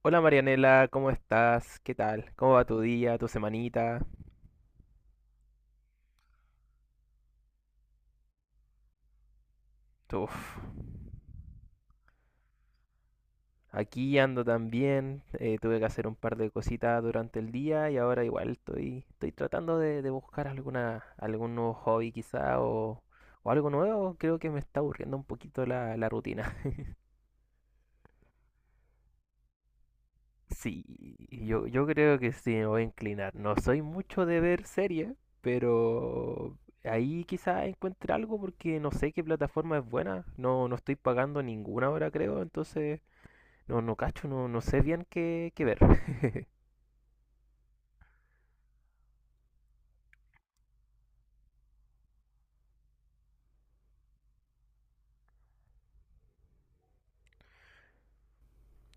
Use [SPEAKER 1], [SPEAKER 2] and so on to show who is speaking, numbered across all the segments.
[SPEAKER 1] Hola Marianela, ¿cómo estás? ¿Qué tal? ¿Cómo va tu día, tu semanita? Uf, aquí ando también. Tuve que hacer un par de cositas durante el día y ahora igual estoy tratando de buscar alguna, algún nuevo hobby quizá o algo nuevo. Creo que me está aburriendo un poquito la rutina. Sí, yo creo que sí, me voy a inclinar. No soy mucho de ver series, pero ahí quizás encuentre algo porque no sé qué plataforma es buena. No estoy pagando ninguna ahora, creo, entonces no, no cacho, no, no sé bien qué, qué ver.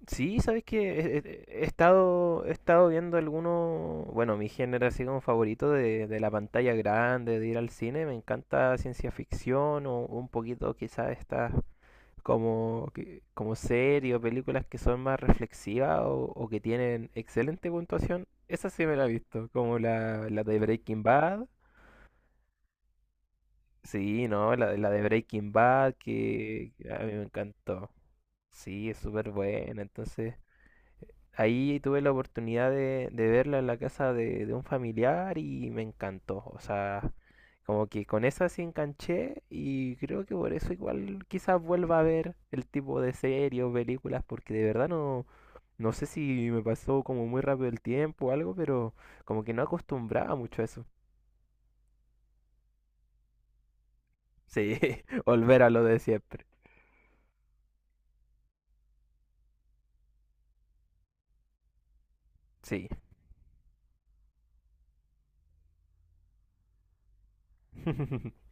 [SPEAKER 1] Sí, sabes que he estado viendo algunos, bueno, mi género así como favorito de la pantalla grande, de ir al cine, me encanta ciencia ficción o un poquito quizás estas como, como series o películas que son más reflexivas o que tienen excelente puntuación, esa sí me la he visto, como la de Breaking Bad. Sí, no, la de Breaking Bad que a mí me encantó. Sí, es súper buena, entonces ahí tuve la oportunidad de verla en la casa de un familiar y me encantó. O sea, como que con esa sí enganché y creo que por eso igual quizás vuelva a ver el tipo de series o películas porque de verdad no, no sé si me pasó como muy rápido el tiempo o algo, pero como que no acostumbraba mucho a eso. Sí, volver a lo de siempre. Sí.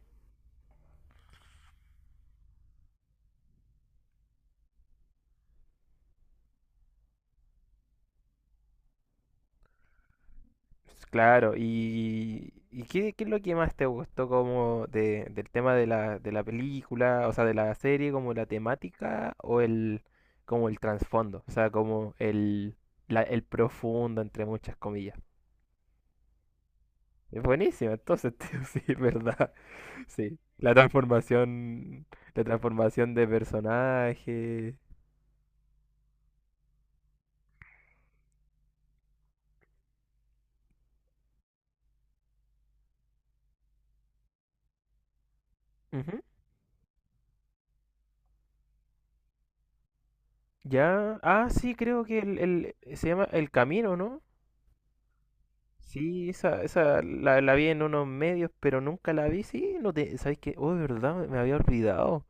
[SPEAKER 1] Claro, y qué, qué es lo que más te gustó como del tema de de la película, o sea, de la serie, como la temática o el, como el trasfondo, o sea, como el, el profundo, entre muchas comillas. Es buenísimo, entonces, tío, sí, es verdad, sí. La transformación de personaje. Ujú. Ya, ah, sí, creo que el, se llama El Camino, ¿no? Sí, esa la vi en unos medios, pero nunca la vi. Sí, no te, ¿sabes qué? Oh, de verdad, me había olvidado.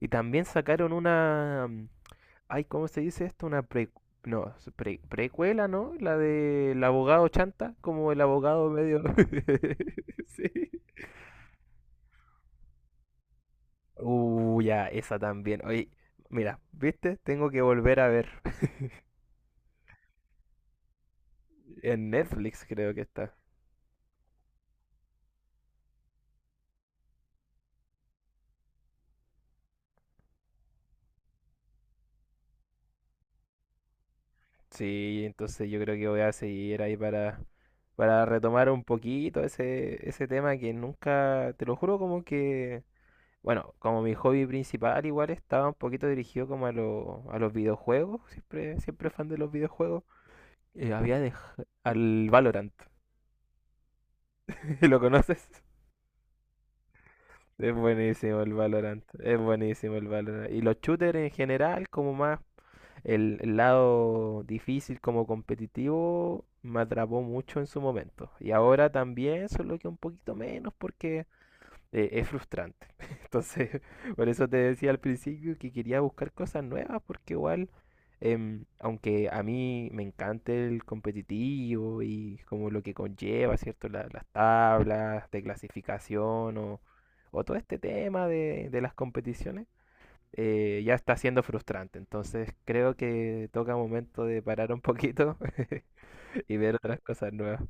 [SPEAKER 1] Y también sacaron una, ay, ¿cómo se dice esto? Una pre, no, es precuela, ¿no? La del abogado Chanta, como el abogado medio. Sí. Ya, esa también. Oye, mira, ¿viste? Tengo que volver a ver. En Netflix creo que está. Sí, entonces yo creo que voy a seguir ahí para retomar un poquito ese, ese tema que nunca, te lo juro, como que, bueno, como mi hobby principal igual estaba un poquito dirigido como a, a los videojuegos, siempre, siempre fan de los videojuegos. Había dejado al Valorant, ¿lo conoces? Es buenísimo el Valorant, es buenísimo el Valorant. Y los shooters en general, como más el lado difícil como competitivo me atrapó mucho en su momento. Y ahora también, solo que un poquito menos porque es frustrante. Entonces, por eso te decía al principio que quería buscar cosas nuevas porque igual, aunque a mí me encanta el competitivo y como lo que conlleva, ¿cierto? Las tablas de clasificación o todo este tema de las competiciones ya está siendo frustrante. Entonces creo que toca momento de parar un poquito y ver otras cosas nuevas.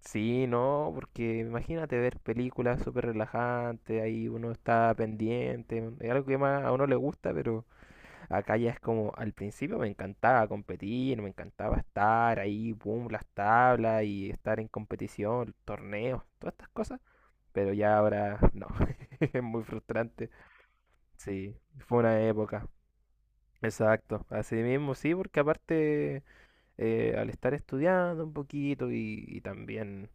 [SPEAKER 1] Sí, no, porque imagínate ver películas súper relajantes, ahí uno está pendiente, es algo que más a uno le gusta, pero acá ya es como, al principio me encantaba competir, me encantaba estar ahí, boom, las tablas y estar en competición, torneos, todas estas cosas, pero ya ahora no, es muy frustrante, sí, fue una época. Exacto, así mismo sí, porque aparte al estar estudiando un poquito y también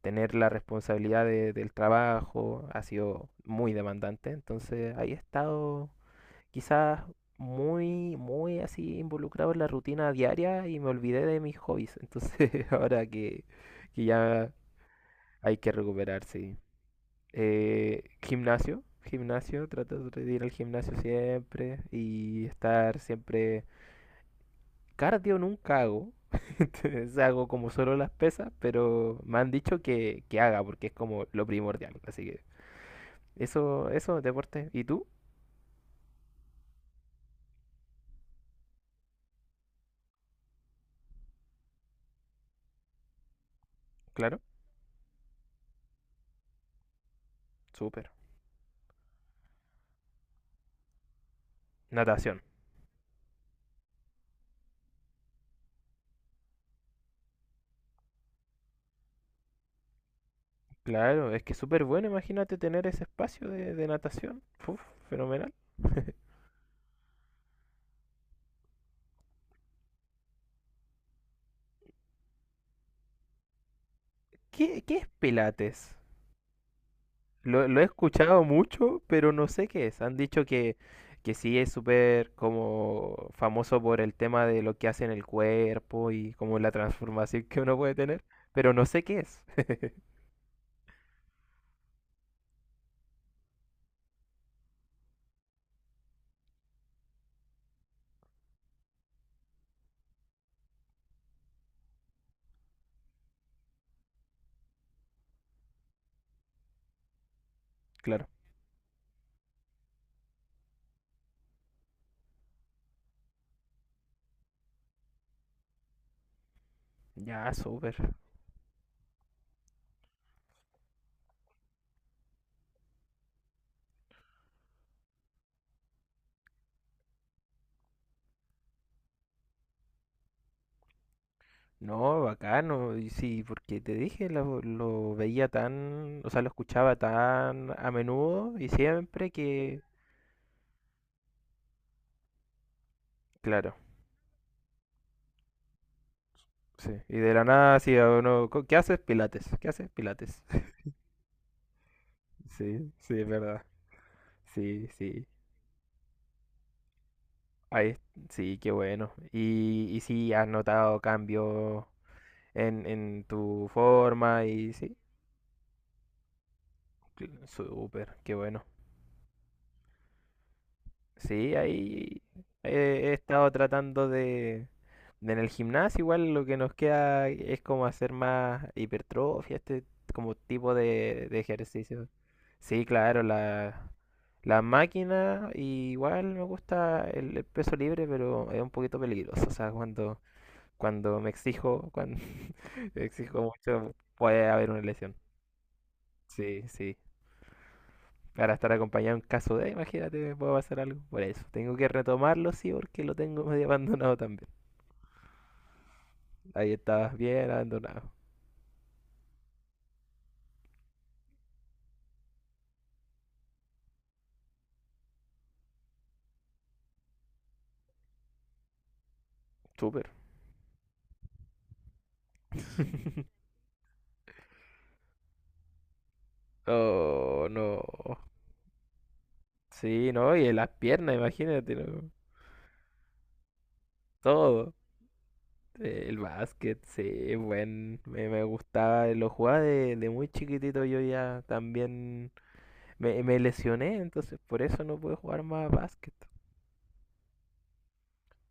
[SPEAKER 1] tener la responsabilidad del trabajo ha sido muy demandante, entonces ahí he estado quizás muy, muy así involucrado en la rutina diaria y me olvidé de mis hobbies, entonces ahora que ya hay que recuperarse. Sí. Gimnasio, gimnasio, trato de ir al gimnasio siempre y estar siempre. Cardio nunca hago. Entonces hago como solo las pesas, pero me han dicho que haga porque es como lo primordial. Así que eso, deporte. ¿Y tú? Claro, súper. Natación. Claro, es que es súper bueno, imagínate tener ese espacio de natación. Uf, fenomenal. ¿Qué, qué es Pilates? Lo he escuchado mucho, pero no sé qué es. Han dicho que sí es súper como famoso por el tema de lo que hace en el cuerpo y como la transformación que uno puede tener, pero no sé qué es. Claro. Ya, súper. No, bacano. Y sí, porque te dije, lo veía tan, o sea, lo escuchaba tan a menudo y siempre que... Claro, sí. Y de la nada, sí, a uno, ¿Qué haces? Pilates. ¿Qué haces? Pilates. Sí, sí, es verdad. Sí, sí. Ahí, sí, qué bueno. Y sí, has notado cambios en tu forma y sí, súper, qué bueno. Sí, ahí he estado tratando de en el gimnasio, igual lo que nos queda es como hacer más hipertrofia, este como tipo de ejercicio. Sí, claro, la máquina y igual me gusta el peso libre, pero es un poquito peligroso, o sea, cuando cuando me exijo, cuando exijo mucho, puede haber una lesión. Sí, sí. Para estar acompañado en caso de, imagínate, me puede pasar algo. Por eso, tengo que retomarlo, sí, porque lo tengo medio abandonado también. Ahí estabas bien abandonado. Súper. Oh, no. Sí, no, y las piernas, imagínate, ¿no? Todo. El básquet, sí, buen. Me gustaba, lo jugaba de muy chiquitito. Yo ya también me lesioné, entonces por eso no pude jugar más básquet.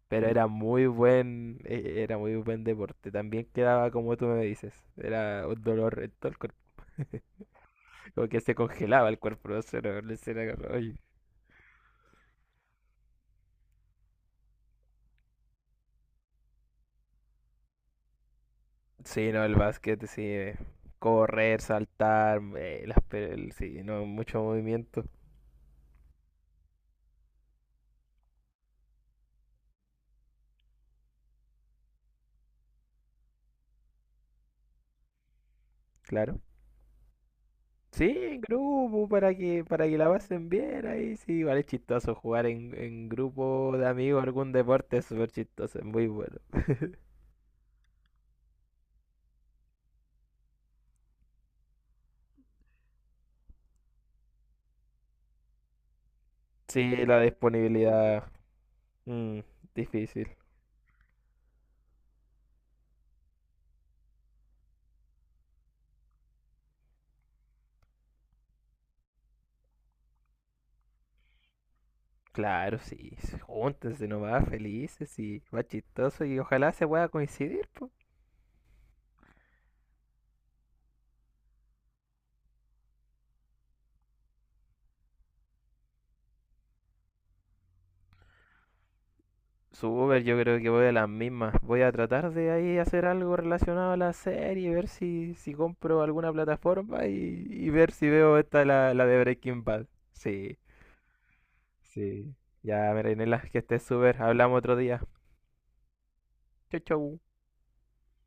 [SPEAKER 1] Pero era muy era muy buen deporte. También quedaba como tú me dices. Era un dolor en todo el cuerpo. Como que se congelaba el cuerpo. No sé, no sé, era como, "Ay". Sí, no, el básquet, sí. Correr, saltar, las, sí, no, mucho movimiento, claro. Sí, en grupo, para que la pasen bien ahí, sí, vale, es chistoso jugar en grupo de amigos, algún deporte es súper chistoso, es muy bueno. Sí, la disponibilidad, mm, difícil. Claro, sí, sí, júntense nomás, felices y más chistoso y ojalá se pueda coincidir, po. Super, yo creo que voy a las mismas. Voy a tratar de ahí hacer algo relacionado a la serie, ver si, si compro alguna plataforma y ver si veo esta, la de Breaking Bad. Sí, sí. Ya, Merenela, que estés súper. Hablamos otro día. Chau, chau.